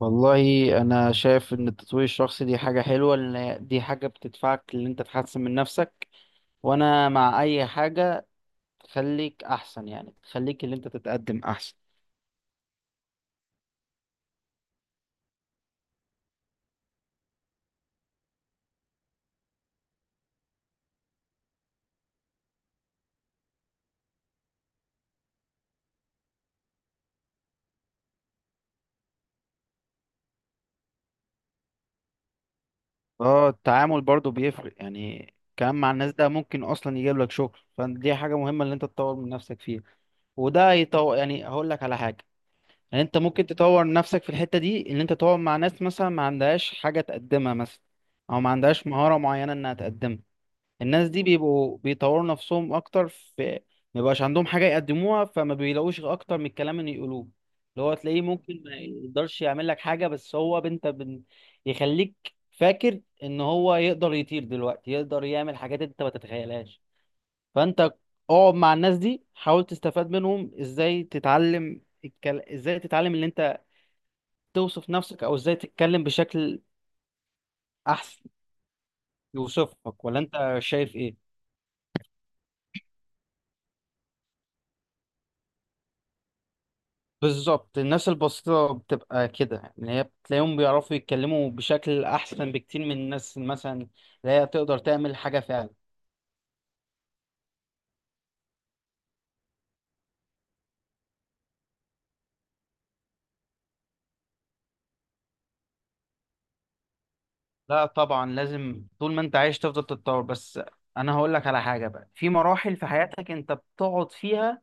والله، انا شايف ان التطوير الشخصي دي حاجة حلوة لان دي حاجة بتدفعك ان انت تحسن من نفسك. وانا مع اي حاجة تخليك احسن، يعني تخليك اللي انت تتقدم احسن. اه، التعامل برضو بيفرق يعني. كلام مع الناس ده ممكن اصلا يجيب لك شغل، فدي حاجة مهمة اللي انت تطور من نفسك فيها. وده يطور، يعني هقول لك على حاجة. يعني انت ممكن تطور نفسك في الحتة دي ان انت تقعد مع ناس مثلا ما عندهاش حاجة تقدمها مثلا، او ما عندهاش مهارة معينة انها تقدمها. الناس دي بيبقوا بيطوروا نفسهم اكتر في، ما بيبقاش عندهم حاجه يقدموها فما بيلاقوش اكتر من الكلام اللي يقولوه، اللي هو تلاقيه ممكن ما يقدرش يعمل لك حاجه، بس هو انت يخليك فاكر ان هو يقدر يطير دلوقتي، يقدر يعمل حاجات انت ما تتخيلهاش. فانت اقعد مع الناس دي، حاول تستفاد منهم ازاي تتعلم ازاي تتعلم ان انت توصف نفسك، او ازاي تتكلم بشكل احسن يوصفك، ولا انت شايف ايه؟ بالظبط، الناس البسيطة بتبقى كده، يعني اللي هي بتلاقيهم بيعرفوا يتكلموا بشكل أحسن بكتير من الناس مثلا اللي هي تقدر تعمل حاجة فعلا. لا طبعا، لازم طول ما أنت عايش تفضل تتطور، بس أنا هقول لك على حاجة. بقى في مراحل في حياتك أنت بتقعد فيها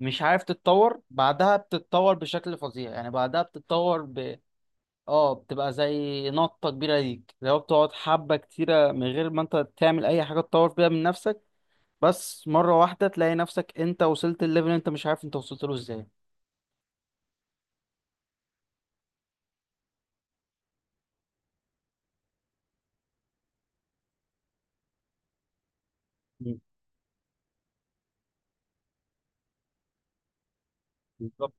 مش عارف تتطور، بعدها بتتطور بشكل فظيع، يعني بعدها بتتطور ب، اه، بتبقى زي نطة كبيرة ليك لو بتقعد حبة كتيرة من غير ما أنت تعمل أي حاجة تطور بيها من نفسك، بس مرة واحدة تلاقي نفسك انت وصلت الليفل انت مش عارف انت وصلت له ازاي. مم. بالظبط.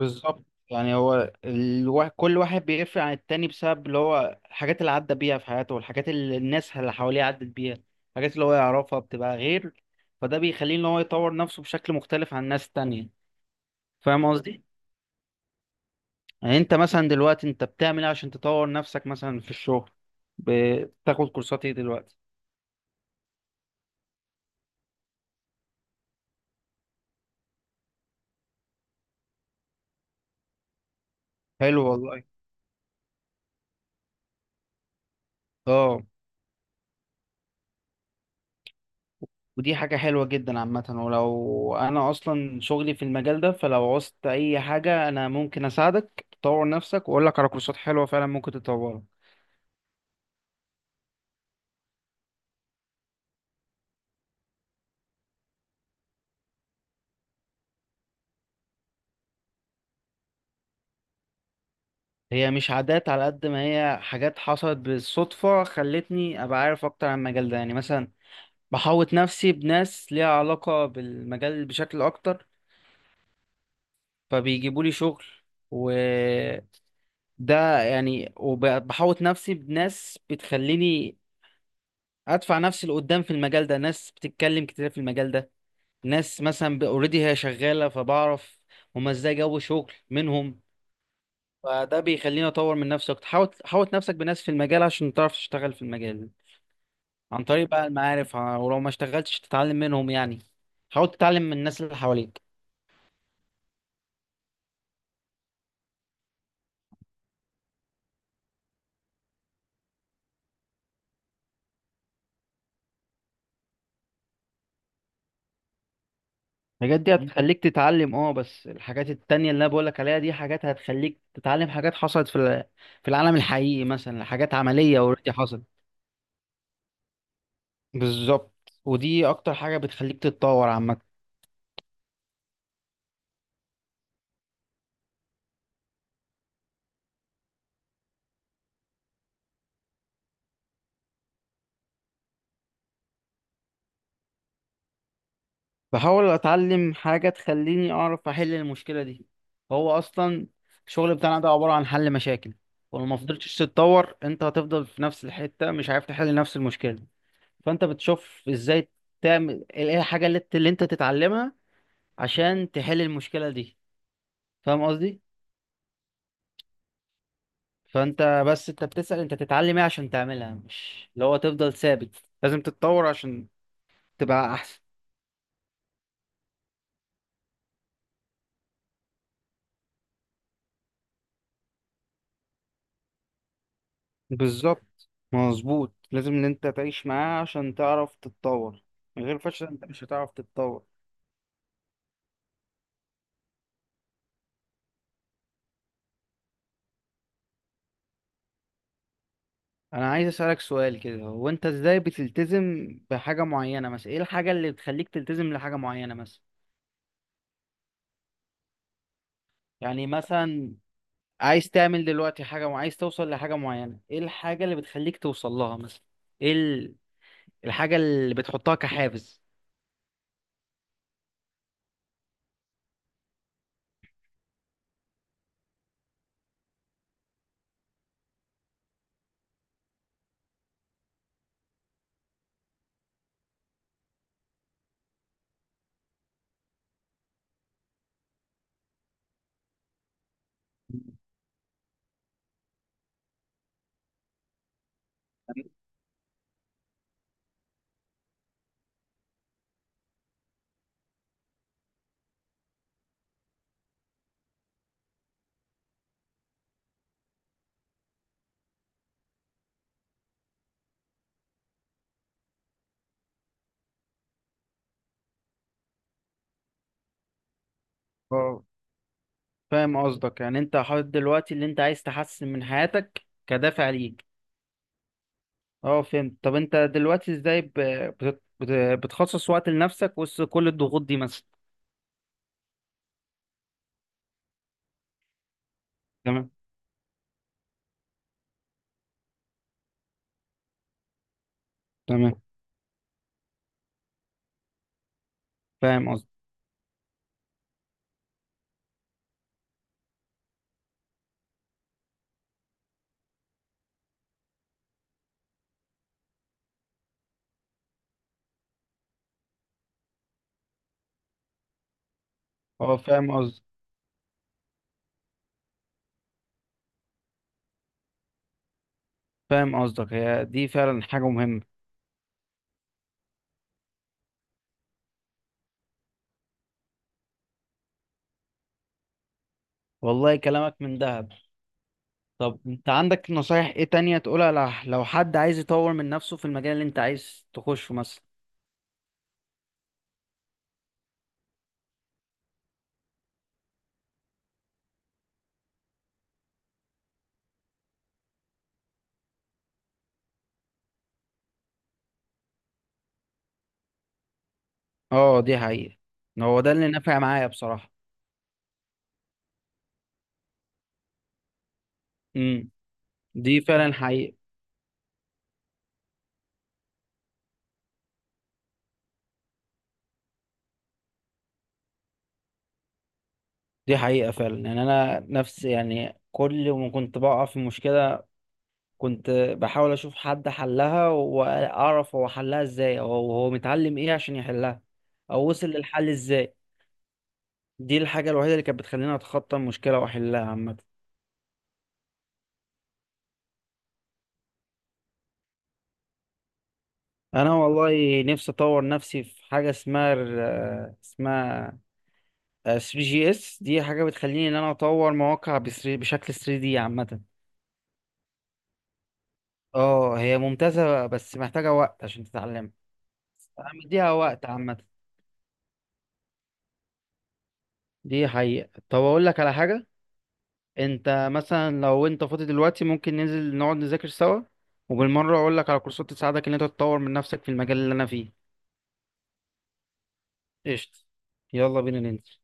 بالظبط، يعني هو كل واحد بيفرق عن التاني بسبب اللي هو الحاجات اللي عدى بيها في حياته، والحاجات اللي الناس اللي حواليه عدت بيها. الحاجات اللي هو يعرفها بتبقى غير، فده بيخليه ان هو يطور نفسه بشكل مختلف عن الناس التانية. فاهم قصدي؟ يعني انت مثلا دلوقتي انت بتعمل ايه عشان تطور نفسك مثلا في الشغل؟ بتاخد كورسات ايه دلوقتي؟ حلو والله. اه، ودي حاجة حلوة جدا عامة، ولو أنا أصلا شغلي في المجال ده فلو عوزت أي حاجة أنا ممكن أساعدك تطور نفسك وأقول لك على كورسات حلوة فعلا ممكن تطورها. هي مش عادات على قد ما هي حاجات حصلت بالصدفة خلتني أبقى عارف أكتر عن المجال ده، يعني مثلا بحوط نفسي بناس ليها علاقة بالمجال بشكل أكتر، فبيجيبوا لي شغل. وده يعني، وبحوط نفسي بناس بتخليني أدفع نفسي لقدام في المجال ده، ناس بتتكلم كتير في المجال ده، ناس مثلا اوريدي هي شغاله، فبعرف هما ازاي جو شغل منهم. فده بيخليني اطور من نفسي اكتر. حاوط نفسك بناس في المجال عشان تعرف تشتغل في المجال عن طريق بقى المعارف، ولو ما اشتغلتش تتعلم منهم يعني، حاول تتعلم من الناس اللي حواليك. الحاجات دي هتخليك تتعلم، اه، بس الحاجات التانية اللي انا بقولك عليها دي حاجات هتخليك تتعلم حاجات حصلت في في العالم الحقيقي، مثلا حاجات عملية اوريدي حصلت. بالظبط. ودي اكتر حاجة بتخليك تتطور عامة. بحاول اتعلم حاجة تخليني اعرف احل المشكلة دي. هو اصلا الشغل بتاعنا ده عبارة عن حل مشاكل، ولو ما فضلتش تتطور انت هتفضل في نفس الحتة مش عارف تحل نفس المشكلة. فانت بتشوف ازاي تعمل ايه، الحاجة اللي انت اللي انت تتعلمها عشان تحل المشكلة دي. فاهم قصدي؟ فانت بس انت بتسأل انت تتعلم ايه عشان تعملها، مش اللي هو تفضل ثابت. لازم تتطور عشان تبقى احسن. بالظبط مظبوط، لازم ان انت تعيش معاه عشان تعرف تتطور. من غير فشل انت مش هتعرف تتطور. انا عايز اسالك سؤال كده، هو انت ازاي بتلتزم بحاجه معينه مثلا؟ ايه الحاجه اللي بتخليك تلتزم لحاجه معينه مثلا؟ يعني مثلا عايز تعمل دلوقتي حاجه وعايز توصل لحاجه معينه، ايه الحاجه اللي بتخليك توصل لها مثلا؟ ايه ال- الحاجه اللي بتحطها كحافز. اه، فاهم قصدك، يعني انت حاطط دلوقتي اللي انت عايز تحسن من حياتك كدافع ليك. اه فهمت. طب انت دلوقتي ازاي بتخصص وقت لنفسك وسط كل الضغوط دي مثلا؟ تمام. تمام. فاهم قصدك. اه، فاهم قصدك. فاهم قصدك، هي دي فعلا حاجة مهمة. والله كلامك من دهب. طب انت عندك نصايح ايه تانية تقولها لو حد عايز يطور من نفسه في المجال اللي انت عايز تخشه مثلا؟ اه دي حقيقة. هو ده اللي نافع معايا بصراحة. امم. دي فعلا حقيقة. دي حقيقة فعلا، يعني انا نفس، يعني كل ما كنت بقع في مشكلة كنت بحاول اشوف حد حلها واعرف هو حلها ازاي، او هو متعلم ايه عشان يحلها، او وصل للحل ازاي. دي الحاجة الوحيدة اللي كانت بتخليني اتخطى المشكلة واحلها عامة. انا والله نفسي اطور نفسي في حاجة اسمها اسمها 3 جي اس، دي حاجة بتخليني ان انا اطور مواقع بشكل 3 دي عامة. اه هي ممتازة بس محتاجة وقت عشان تتعلمها. أنا مديها وقت عامة. دي حقيقة. طب اقول لك على حاجة، انت مثلا لو انت فاضي دلوقتي ممكن ننزل نقعد نذاكر سوا، وبالمرة اقول لك على كورسات تساعدك ان انت تطور من نفسك في المجال اللي انا فيه. قشطة. يلا بينا ننزل.